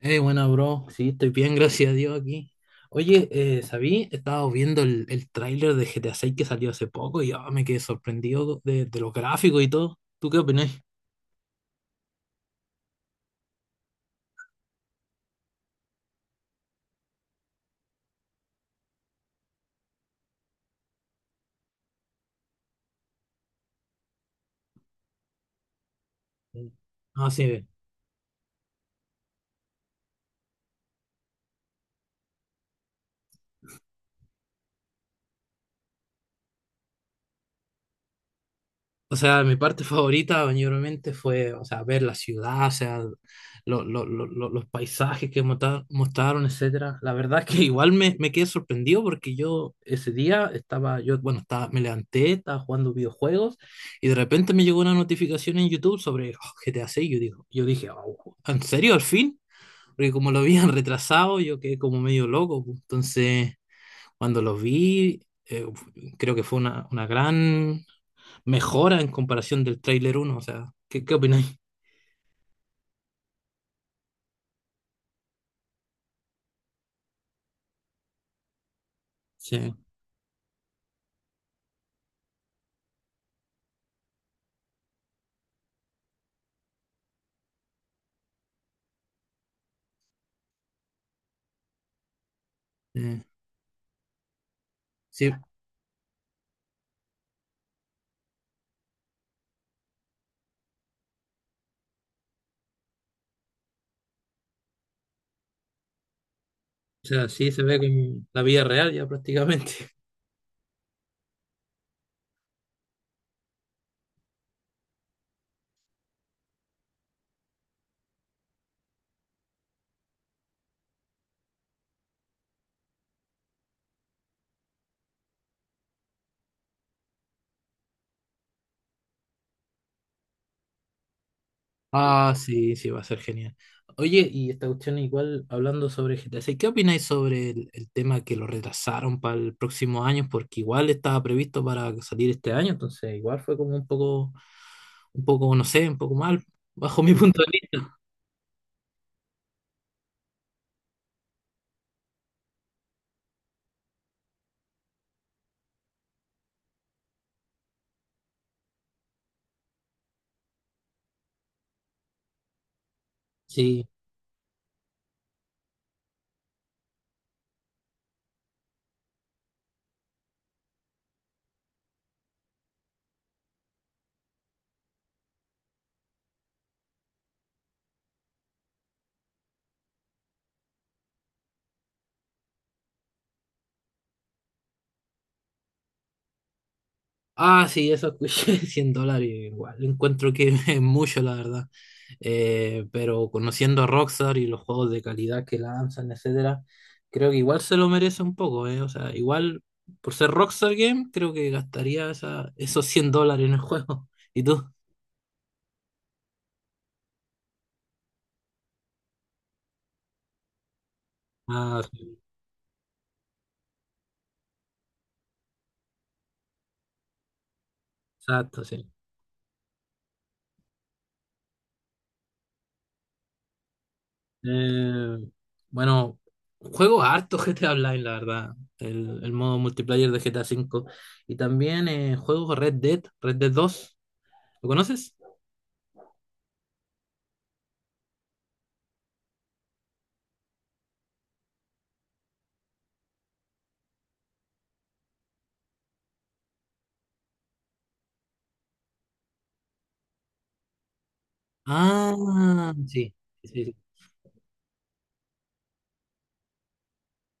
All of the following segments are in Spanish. Buena, bro. Sí, estoy bien, gracias a Dios aquí. Oye, ¿sabí? He estado viendo el tráiler de GTA 6 que salió hace poco y me quedé sorprendido de los gráficos y todo. ¿Tú qué opinas? Ah, sí. O sea, mi parte favorita, mayormente, fue, o sea, ver la ciudad, o sea, los paisajes que mostraron, etcétera. La verdad es que igual me quedé sorprendido porque yo ese día estaba, yo, bueno, estaba, me levanté, estaba jugando videojuegos, y de repente me llegó una notificación en YouTube sobre oh, GTA 6. Yo digo, yo dije, "Oh, ¿en serio, al fin? Porque como lo habían retrasado, yo quedé como medio loco, pues. Entonces, cuando lo vi, eh, creo que fue una gran mejora en comparación del tráiler uno. O sea, ¿qué opináis? Sí, eh, sí, o sea, sí se ve como la vida real ya prácticamente. Ah, sí, sí, va a ser genial. Oye, y esta cuestión, igual hablando sobre GTA 6, ¿qué opináis sobre el tema que lo retrasaron para el próximo año? Porque igual estaba previsto para salir este año, entonces igual fue como un poco, no sé, un poco mal, bajo mi punto de vista. Sí. Ah, sí, eso escuché, $100 igual. Encuentro que es mucho, la verdad. Pero conociendo a Rockstar y los juegos de calidad que lanzan, etcétera, creo que igual se lo merece un poco, eh. O sea, igual por ser Rockstar Game, creo que gastaría esos $100 en el juego. ¿Y tú? Ah, sí, exacto, sí. Eh, bueno, juego harto GTA Online, la verdad. El modo multiplayer de GTA V. Y también juego Red Dead dos. ¿Lo conoces? Ah, sí, sí, sí,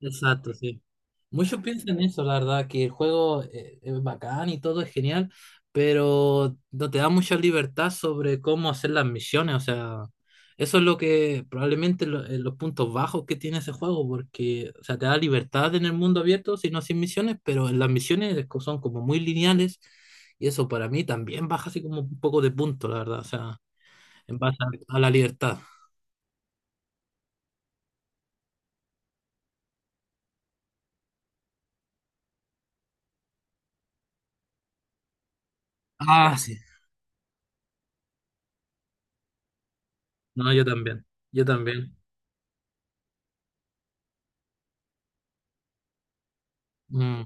exacto, sí. Muchos piensan eso, la verdad, que el juego es bacán y todo es genial, pero no te da mucha libertad sobre cómo hacer las misiones. O sea, eso es lo que probablemente los puntos bajos que tiene ese juego, porque, o sea, te da libertad en el mundo abierto, si no sin misiones, pero en las misiones es son como muy lineales, y eso para mí también baja así como un poco de punto, la verdad. O sea, en base a la libertad. Ah, sí. No, yo también, yo también. Mm.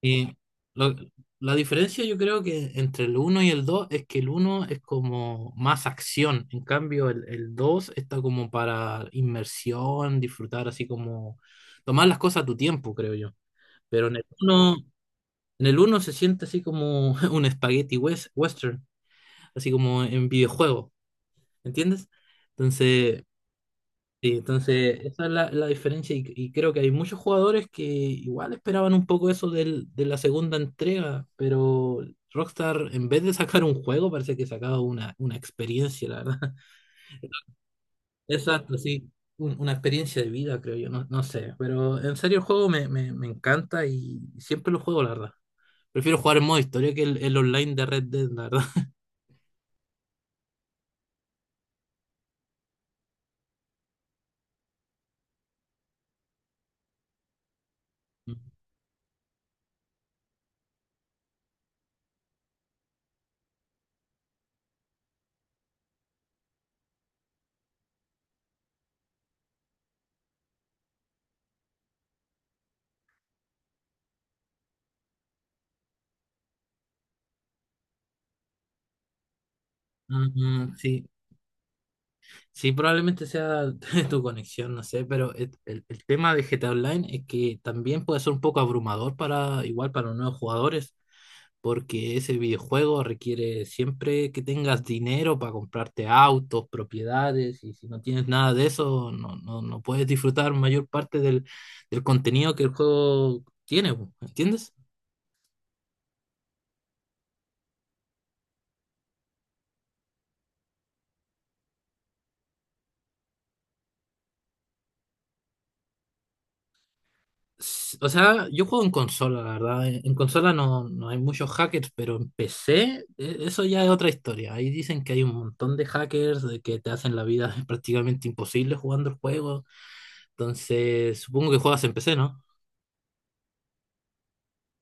Y lo- la diferencia yo creo que entre el uno y el 2 es que el uno es como más acción, en cambio el 2 está como para inmersión, disfrutar así como tomar las cosas a tu tiempo, creo yo. Pero en el uno se siente así como un espagueti western, así como en videojuego, ¿entiendes? Entonces. Sí, entonces esa es la diferencia, y creo que hay muchos jugadores que igual esperaban un poco eso de la segunda entrega, pero Rockstar en vez de sacar un juego parece que sacaba una experiencia, la verdad. Exacto, sí, una experiencia de vida creo yo, no, no sé, pero en serio el juego me encanta y siempre lo juego, la verdad. Prefiero jugar en modo historia que el online de Red Dead, la verdad. Mm, mm, sí. Sí, probablemente sea tu conexión, no sé, pero el tema de GTA Online es que también puede ser un poco abrumador para, igual para los nuevos jugadores, porque ese videojuego requiere siempre que tengas dinero para comprarte autos, propiedades, y si no tienes nada de eso, no puedes disfrutar mayor parte del contenido que el juego tiene, po, ¿entiendes? O sea, yo juego en consola, la verdad. En consola no hay muchos hackers, pero en PC eso ya es otra historia. Ahí dicen que hay un montón de hackers de que te hacen la vida prácticamente imposible jugando el juego. Entonces, supongo que juegas en PC, ¿no?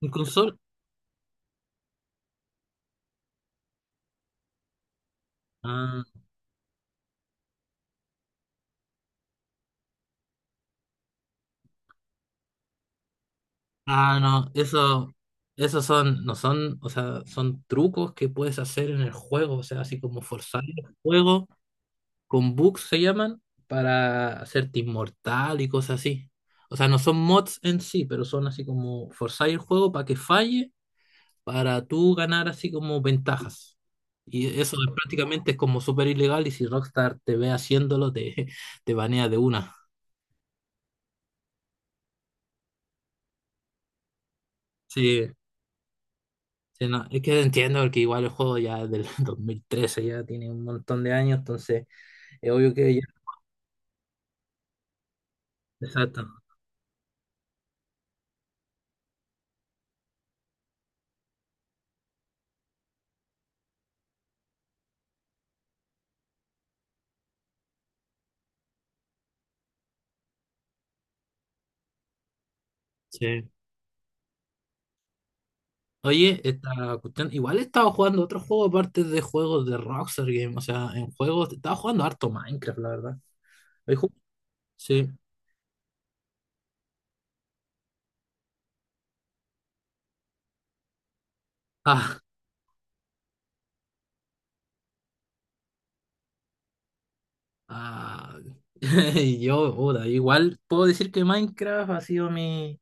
¿En consola? Ah, ah, no, eso, esos son, no son, o sea, son trucos que puedes hacer en el juego, o sea, así como forzar el juego con bugs se llaman, para hacerte inmortal y cosas así. O sea, no son mods en sí, pero son así como forzar el juego para que falle, para tú ganar así como ventajas. Y eso es prácticamente es como súper ilegal, y si Rockstar te ve haciéndolo, te, te banea de una. Sí, sí, no, es que entiendo porque igual el juego ya es del 2013, ya tiene un montón de años, entonces es obvio que ya... Exacto. Sí. Oye, esta cuestión, igual he estado jugando otro juego aparte de juegos de Rockstar Games, o sea, en juegos, estaba jugando harto Minecraft, la verdad. Hoy ju- Sí. Ah, ah. Y yo, puta, igual puedo decir que Minecraft ha sido mi,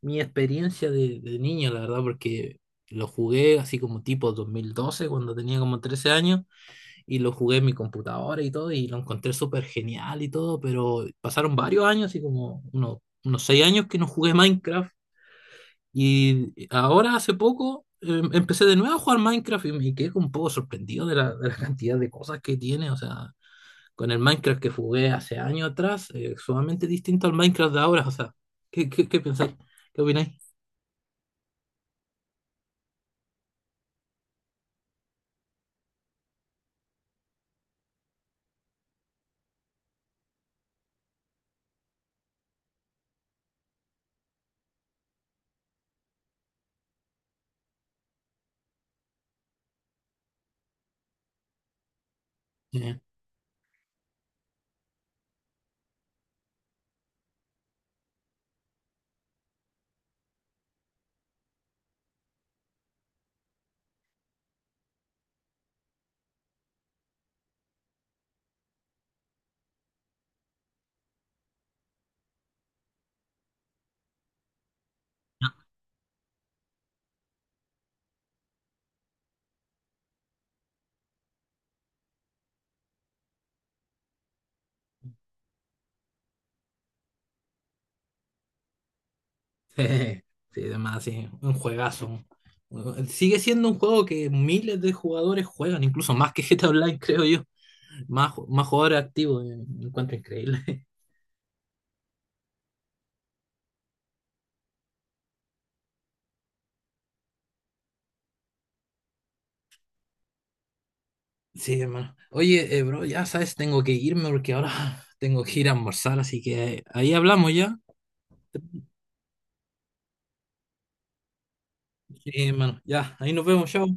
mi experiencia de niño, la verdad, porque lo jugué así como tipo 2012, cuando tenía como 13 años, y lo jugué en mi computadora y todo, y lo encontré súper genial y todo, pero pasaron varios años, así como unos, 6 años que no jugué Minecraft. Y ahora, hace poco, empecé de nuevo a jugar Minecraft y me quedé un poco sorprendido de la cantidad de cosas que tiene. O sea, con el Minecraft que jugué hace años atrás, sumamente distinto al Minecraft de ahora. O sea, ¿qué pensáis? ¿Qué opináis? Eh, Sí, además, sí, un juegazo. Sigue siendo un juego que miles de jugadores juegan, incluso más que GTA Online, creo yo. Más jugadores activos, me encuentro increíble. Sí, hermano. Oye, bro, ya sabes, tengo que irme porque ahora tengo que ir a almorzar, así que ahí hablamos ya. Sí, hermano, ya, ahí nos vemos, chao.